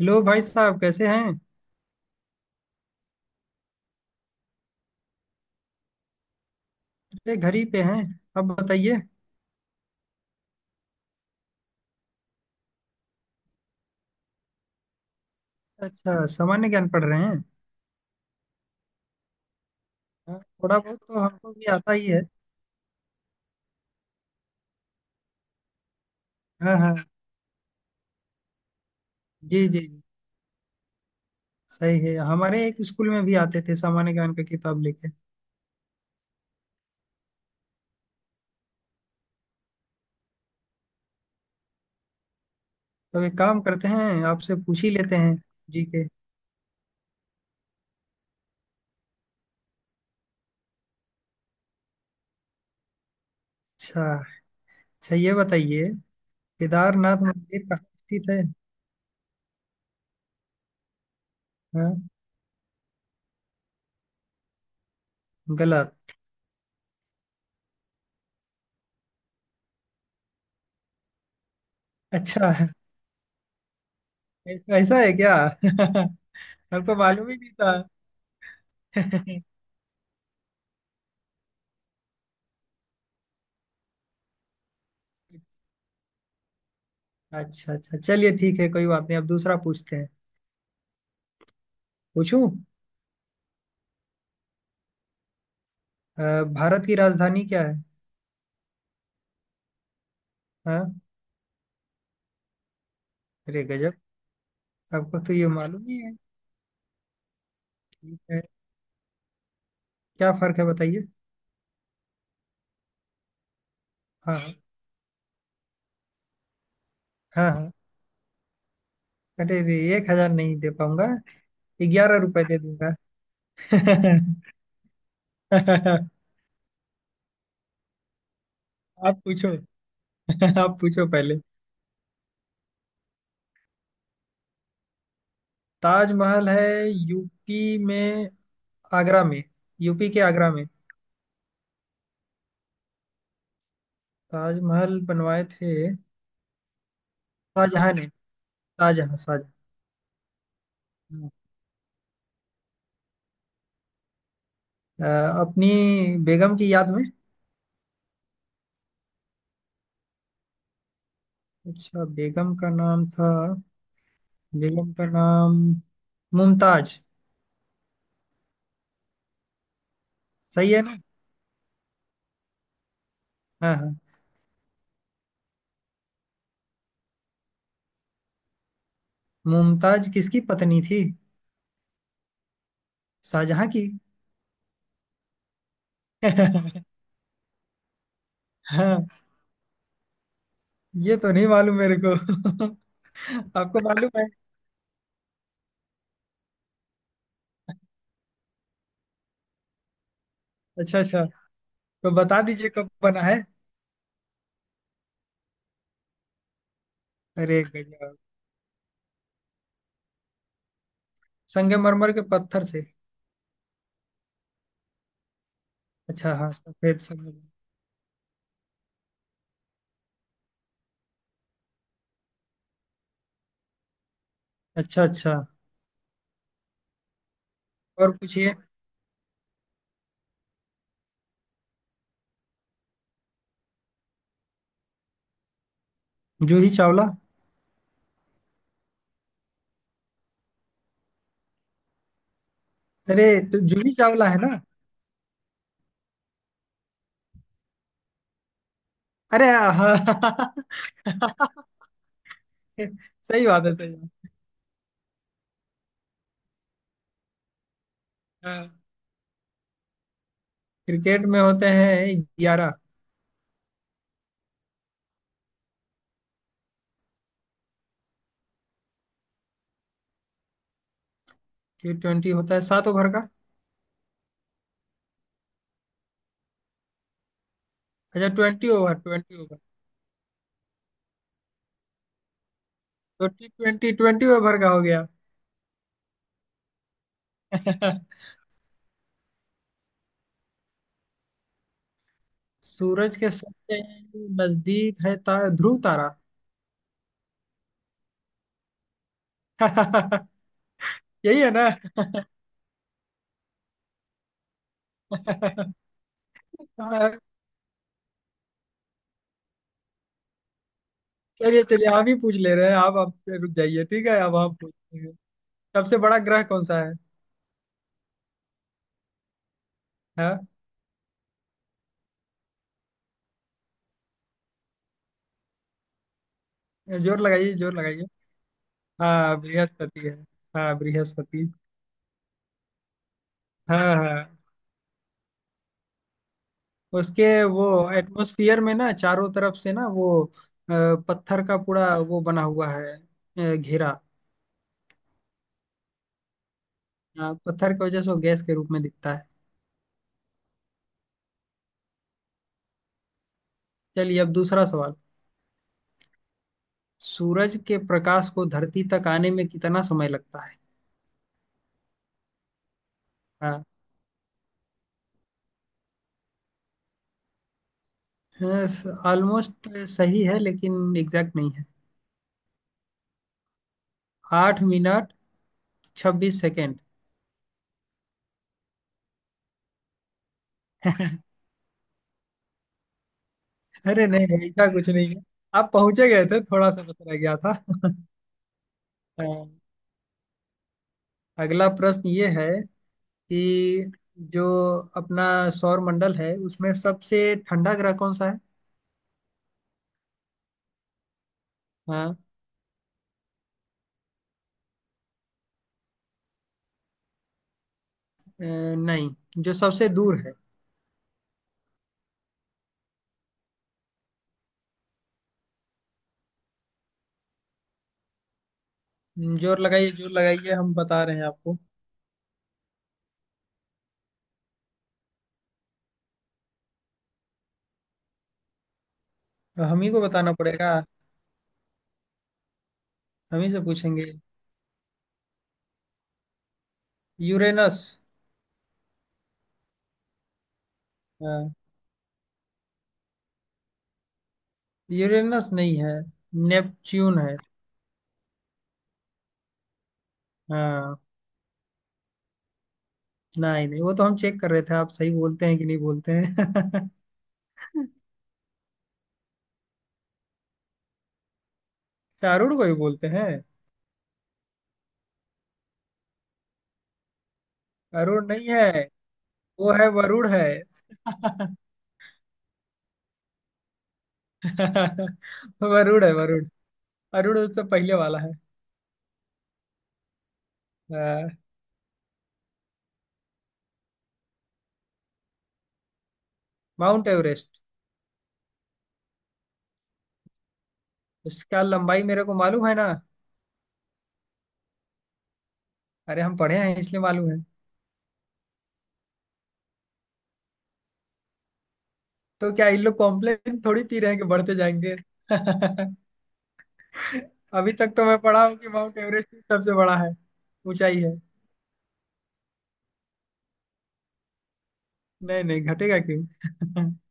Hello भाई साहब कैसे हैं। अरे घर ही पे हैं। अब बताइए। अच्छा सामान्य ज्ञान पढ़ रहे हैं। हाँ, थोड़ा बहुत तो हमको भी आता ही है। हाँ हाँ। जी जी जी, सही है। हमारे एक स्कूल में भी आते थे सामान्य ज्ञान का किताब लेके। तो एक काम करते हैं आपसे पूछ ही लेते हैं। जी के। अच्छा अच्छा, ये बताइए, केदारनाथ मंदिर कहाँ स्थित है। हाँ। गलत। अच्छा। ऐसा ऐसा है क्या। हमको मालूम ही नहीं था। अच्छा अच्छा, चलिए ठीक है, कोई बात नहीं। अब दूसरा पूछते हैं, पूछूं। भारत की राजधानी क्या है। हाँ। अरे गजब, आपको तो ये मालूम ही है। ठीक है, क्या फर्क है बताइए। हाँ हाँ। हाँ हाँ। अरे रे, 1,000 नहीं दे पाऊंगा। 11 रुपए दे दूंगा। आप पूछो। आप पूछो पहले। ताजमहल है यूपी में, आगरा में, यूपी के आगरा में। ताजमहल बनवाए थे शाहजहां ने। शाहजहां शाहजहां। अ, अपनी बेगम की याद में। अच्छा बेगम का नाम था, बेगम का नाम मुमताज। सही है ना। हाँ हाँ। मुमताज किसकी पत्नी थी। शाहजहां की। हाँ, ये तो नहीं मालूम मेरे को। आपको मालूम है। अच्छा अच्छा। तो बता दीजिए कब बना है। अरे गजब। संगमरमर के पत्थर से। अच्छा हाँ, सफेद संगमरमर। अच्छा अच्छा, और पूछिए। जूही चावला। अरे, तो जूही चावला है ना। अरे हाँ। सही बात है, सही बात है। हाँ, क्रिकेट में होते हैं 11। T20 होता है 7 ओवर का। अच्छा 20 ओवर 20 ओवर। तो T20 20 ओवर का हो गया। सूरज के सबसे नजदीक है तारा, ध्रुव तारा। यही है ना। हाँ, चलिए चलिए आप ही पूछ ले रहे हैं। आप रुक जाइए, ठीक है। अब हम पूछते हैं, सबसे बड़ा ग्रह कौन सा है। हाँ, जोर लगाइए जोर लगाइए। हाँ बृहस्पति है। हाँ बृहस्पति। हाँ हाँ। उसके वो एटमॉस्फेयर में ना, चारों तरफ से ना, वो, अ, पत्थर का पूरा वो बना हुआ है, घेरा। पत्थर की वजह से वो गैस के रूप में दिखता है। चलिए अब दूसरा सवाल। सूरज के प्रकाश को धरती तक आने में कितना समय लगता है। हाँ। ऑलमोस्ट सही है लेकिन एग्जैक्ट नहीं है। 8 मिनट 26 सेकेंड। अरे नहीं नहीं, ऐसा कुछ नहीं है। आप पहुंचे गए थे, थोड़ा सा बस रह गया था। अ, अगला प्रश्न ये है, कि जो अपना सौर मंडल है उसमें सबसे ठंडा ग्रह कौन सा है। हाँ। अ, नहीं, जो सबसे दूर है। जो लगाइए जो लगाइए, हम बता रहे हैं आपको। हम ही को बताना पड़ेगा। हम ही से पूछेंगे। यूरेनस। हाँ। यूरेनस नहीं है, नेपच्यून है। हाँ। नहीं नहीं, वो तो हम चेक कर रहे थे आप सही बोलते हैं कि नहीं बोलते हैं। अच्छा, अरुण को ही बोलते हैं। अरुण नहीं है, वो है, वरुण है। वरुण है वरुण। अरुण वो तो पहले वाला है। अ, माउंट एवरेस्ट, उसका लंबाई मेरे को मालूम है ना। अरे हम पढ़े हैं इसलिए मालूम है। तो क्या इन लोग कॉम्प्लेन थोड़ी पी रहे हैं कि बढ़ते जाएंगे। अभी तक तो मैं पढ़ा हूँ कि माउंट एवरेस्ट ही सबसे बड़ा है, ऊंचाई है। नहीं नहीं, घटेगा क्यों।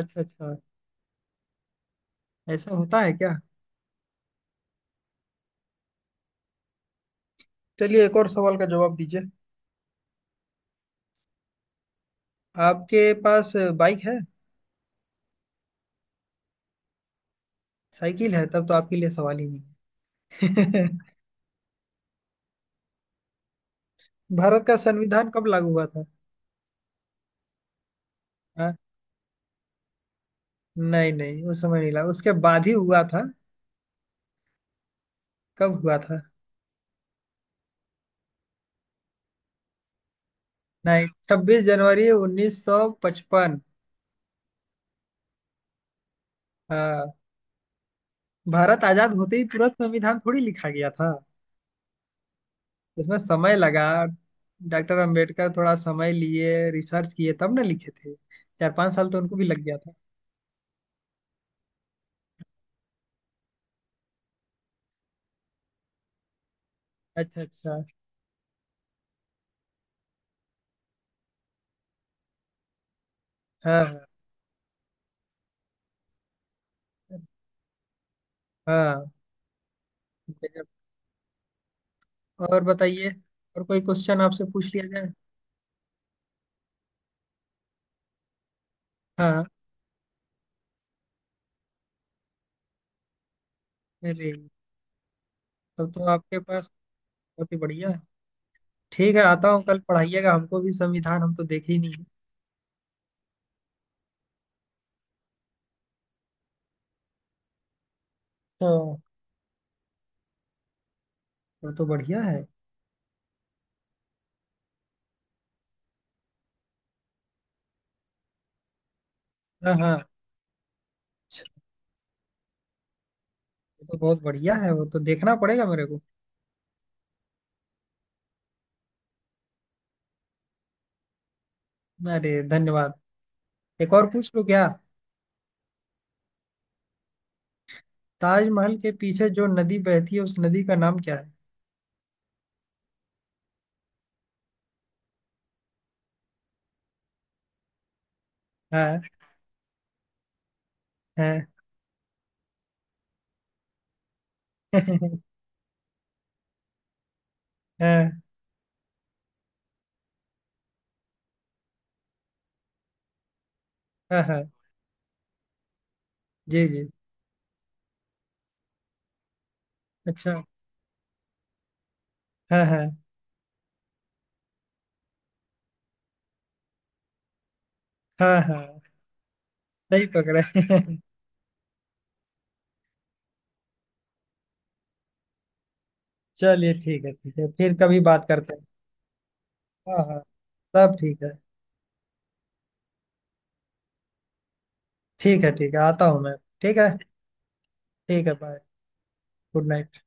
अच्छा अच्छा। ऐसा होता है क्या। चलिए एक और सवाल का जवाब दीजिए। आपके पास बाइक है। साइकिल है, तब तो आपके लिए सवाल ही नहीं है। भारत का संविधान कब लागू हुआ था। हाँ? नहीं नहीं, उस समय नहीं लगा, उसके बाद ही हुआ था। कब हुआ था। नहीं, 26 जनवरी 1955। हाँ, भारत आजाद होते ही तुरंत संविधान थोड़ी लिखा गया था। इसमें समय लगा। डॉक्टर अंबेडकर थोड़ा समय लिए, रिसर्च किए तब ना लिखे थे, 4-5 साल तो उनको भी लग गया था। अच्छा अच्छा। हाँ हाँ हाँ, गजब। और बताइए, और कोई क्वेश्चन आपसे पूछ लिया जाए। हाँ। अरे, तब तो आपके पास, बहुत ही बढ़िया। ठीक है आता हूँ कल, पढ़ाइएगा हमको भी संविधान, हम तो देखे ही नहीं है। तो वो तो बढ़िया है। हाँ हाँ, ये तो बहुत बढ़िया है, वो तो देखना पड़ेगा मेरे को। अरे धन्यवाद। एक और पूछ लो क्या। ताजमहल के पीछे जो नदी बहती है उस नदी का नाम क्या है। हाँ हाँ। हाँ हाँ हाँ, जी जी। अच्छा हाँ हाँ हाँ हाँ, सही पकड़े। चलिए ठीक है ठीक है, फिर कभी बात करते हैं। हाँ हाँ, सब ठीक है। ठीक है ठीक है, आता हूँ मैं। ठीक है। ठीक है बाय। Good night.